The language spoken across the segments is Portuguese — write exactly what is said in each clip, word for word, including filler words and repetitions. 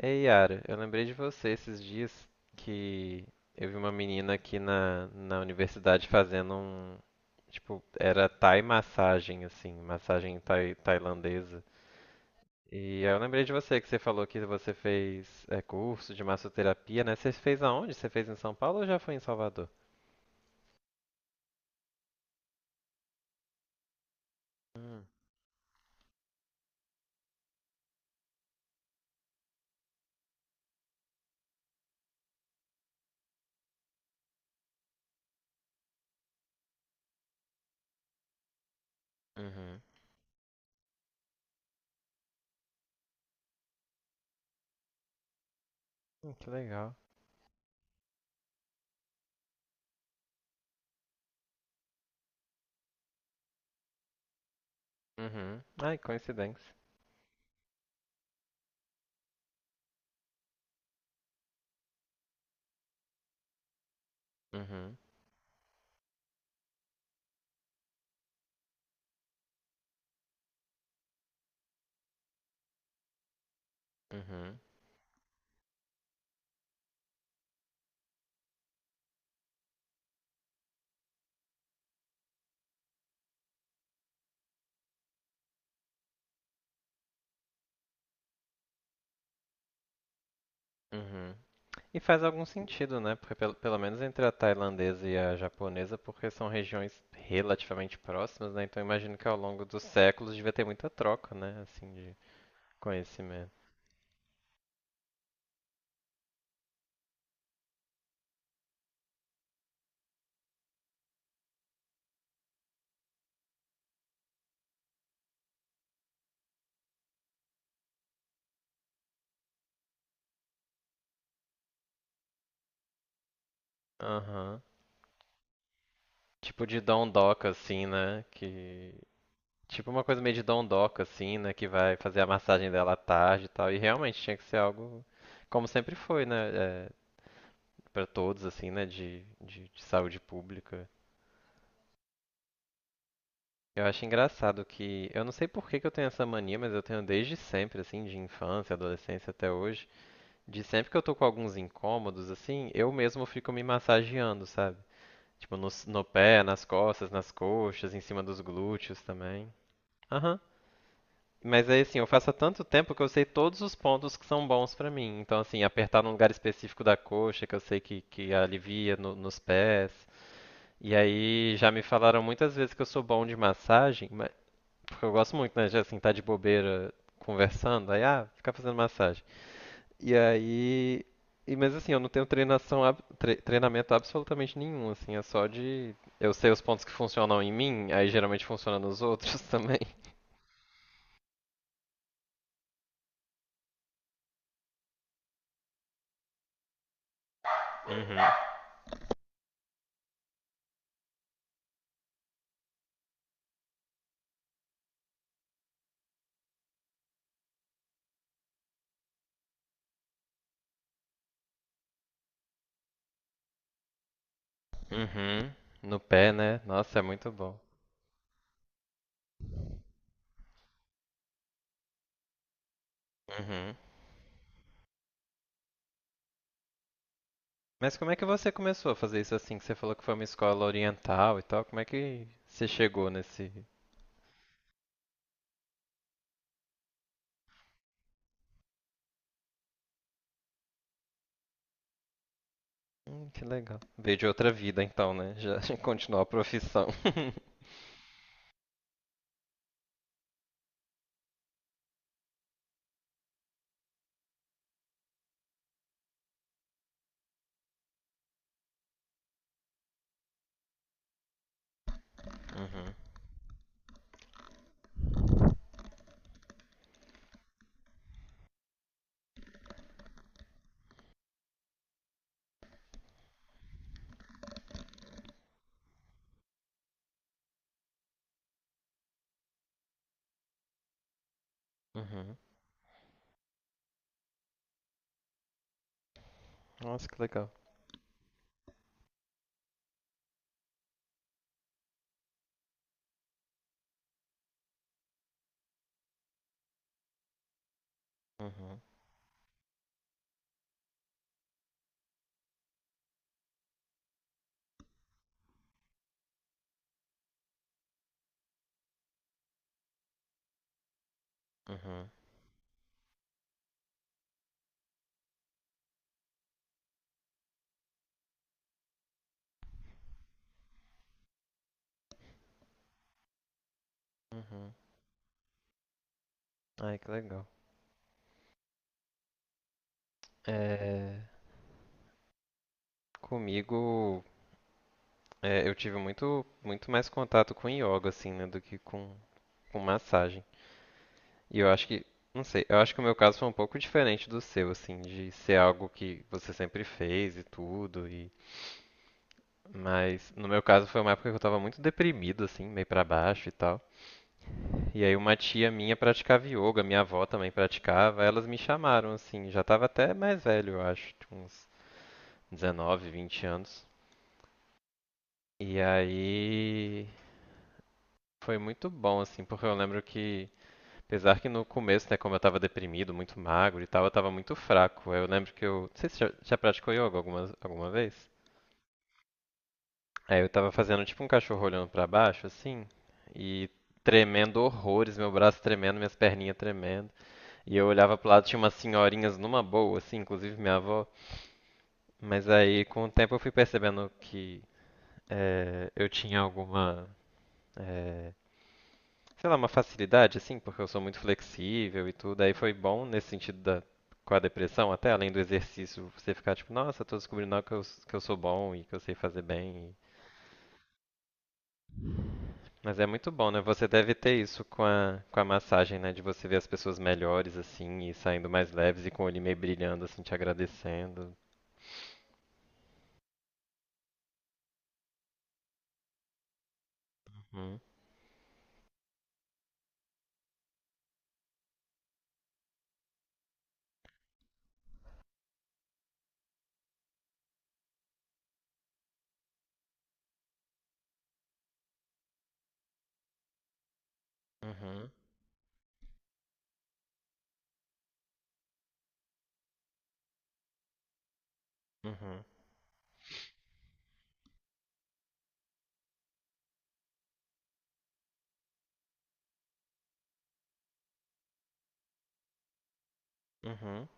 Ei, Yara, eu lembrei de você esses dias que eu vi uma menina aqui na, na universidade fazendo um, tipo, era Thai massagem, assim, massagem thai- tailandesa. E aí eu lembrei de você que você falou que você fez é, curso de massoterapia, né? Você fez aonde? Você fez em São Paulo ou já foi em Salvador? Hum, uhum. Hum, que legal. Uhum. Ai, coincidência. Uhum. Uhum. Uhum. E faz algum sentido, né? Porque pelo, pelo menos entre a tailandesa e a japonesa, porque são regiões relativamente próximas, né? Então imagino que ao longo dos séculos devia ter muita troca, né? Assim, de conhecimento. Aham. Tipo de dondoca, assim, né? Que... Tipo uma coisa meio de dondoca, assim, né? Que vai fazer a massagem dela à tarde e tal. E realmente tinha que ser algo, como sempre foi, né? É, para todos, assim, né? De, de, de saúde pública. Eu acho engraçado que, eu não sei por que que eu tenho essa mania, mas eu tenho desde sempre, assim, de infância, adolescência até hoje, de sempre que eu tô com alguns incômodos, assim, eu mesmo fico me massageando, sabe? Tipo, no, s- no pé, nas costas, nas coxas, em cima dos glúteos também. Aham. Mas aí, assim, eu faço há tanto tempo que eu sei todos os pontos que são bons pra mim. Então, assim, apertar num lugar específico da coxa, que eu sei que, que alivia no- nos pés. E aí já me falaram muitas vezes que eu sou bom de massagem, ma- porque eu gosto muito, né, de assim, tá de bobeira conversando, aí, ah, ficar fazendo massagem. E aí. E, mas assim, eu não tenho treinação, ab- tre- treinamento absolutamente nenhum, assim, é só de. Eu sei os pontos que funcionam em mim, aí geralmente funciona nos outros também. Uhum. Uhum. No pé, né? Nossa, é muito bom. Uhum. Mas como é que você começou a fazer isso assim? Que você falou que foi uma escola oriental e tal. Como é que você chegou nesse. Hum, que legal. Veio de outra vida então, né? Já continuou a profissão. Uhum. Nossa, que legal. Uhum. Uhum. Uhum. Ai, que legal. É, comigo, é, eu tive muito, muito mais contato com yoga, assim, né, do que com, com massagem. E eu acho que, não sei, eu acho que o meu caso foi um pouco diferente do seu, assim, de ser algo que você sempre fez e tudo. E, mas no meu caso foi uma época que eu tava muito deprimido, assim, meio pra baixo e tal. E aí uma tia minha praticava yoga, minha avó também praticava, elas me chamaram assim, já estava até mais velho, eu acho, tinha uns dezenove, vinte anos. E aí foi muito bom assim, porque eu lembro que apesar que no começo, né, como eu estava deprimido, muito magro e tal, eu estava muito fraco. Aí eu lembro que eu, não sei se já, já praticou yoga alguma alguma vez. Aí eu tava fazendo tipo um cachorro olhando pra baixo assim, e tremendo horrores, meu braço tremendo, minhas perninhas tremendo. E eu olhava pro lado, tinha umas senhorinhas numa boa, assim, inclusive minha avó. Mas aí, com o tempo, eu fui percebendo que eh, eu tinha alguma, eh, sei lá, uma facilidade, assim, porque eu sou muito flexível e tudo. Aí foi bom nesse sentido da, com a depressão, até além do exercício, você ficar tipo, nossa, tô descobrindo algo que eu, s- que eu sou bom e que eu sei fazer bem. e- Mas é muito bom, né? Você deve ter isso com a, com a massagem, né? De você ver as pessoas melhores, assim, e saindo mais leves e com o olho meio brilhando, assim, te agradecendo. Uhum. Uhum, uhum, uhum.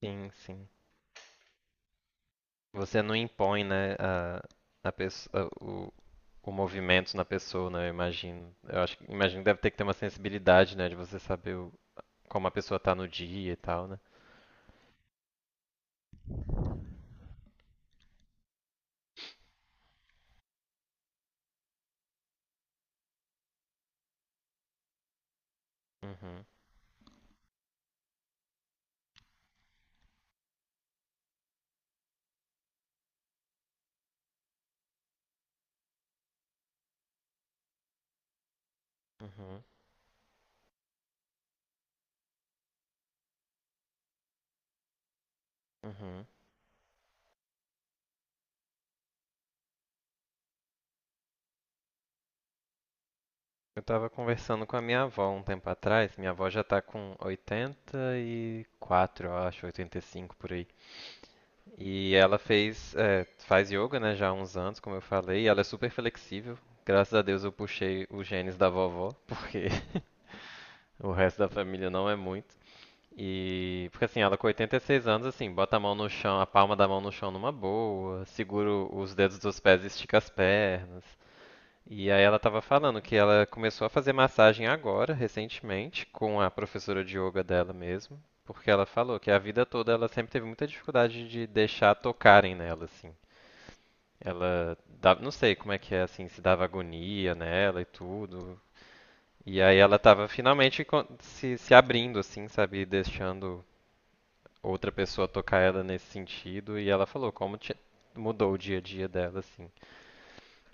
Sim, sim. Você não impõe, né, a, a pessoa, o, o movimento na pessoa, né? Eu imagino. Eu acho que imagino que deve ter que ter uma sensibilidade, né, de você saber o- como a pessoa tá no dia e tal, né? Uhum, uhum, uhum. Eu tava conversando com a minha avó um tempo atrás. Minha avó já tá com oitenta e quatro, eu acho, oitenta e cinco por aí. E ela fez, é, faz yoga, né, já há uns anos, como eu falei, e ela é super flexível. Graças a Deus eu puxei os genes da vovó, porque o resto da família não é muito. E porque assim, ela com oitenta e seis anos, assim, bota a mão no chão, a palma da mão no chão numa boa, segura os dedos dos pés e estica as pernas. E aí ela estava falando que ela começou a fazer massagem agora, recentemente, com a professora de yoga dela mesmo, porque ela falou que a vida toda ela sempre teve muita dificuldade de deixar tocarem nela, assim. Ela dava, não sei como é que é, assim, se dava agonia nela e tudo. E aí ela estava finalmente con- se, se abrindo, assim, sabe, deixando outra pessoa tocar ela nesse sentido. E ela falou como ti- mudou o dia a dia dela, assim.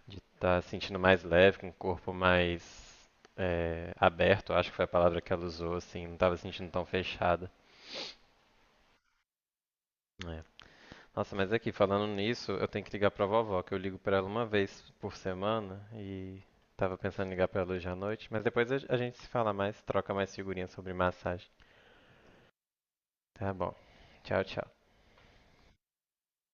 De estar se sentindo mais leve, com o corpo mais é, aberto, acho que foi a palavra que ela usou, assim, não estava se sentindo tão fechada. É. Nossa, mas aqui, falando nisso, eu tenho que ligar pra vovó, que eu ligo pra ela uma vez por semana e tava pensando em ligar pra ela hoje à noite, mas depois a a gente se fala mais, troca mais figurinhas sobre massagem. Tá bom. Tchau, tchau.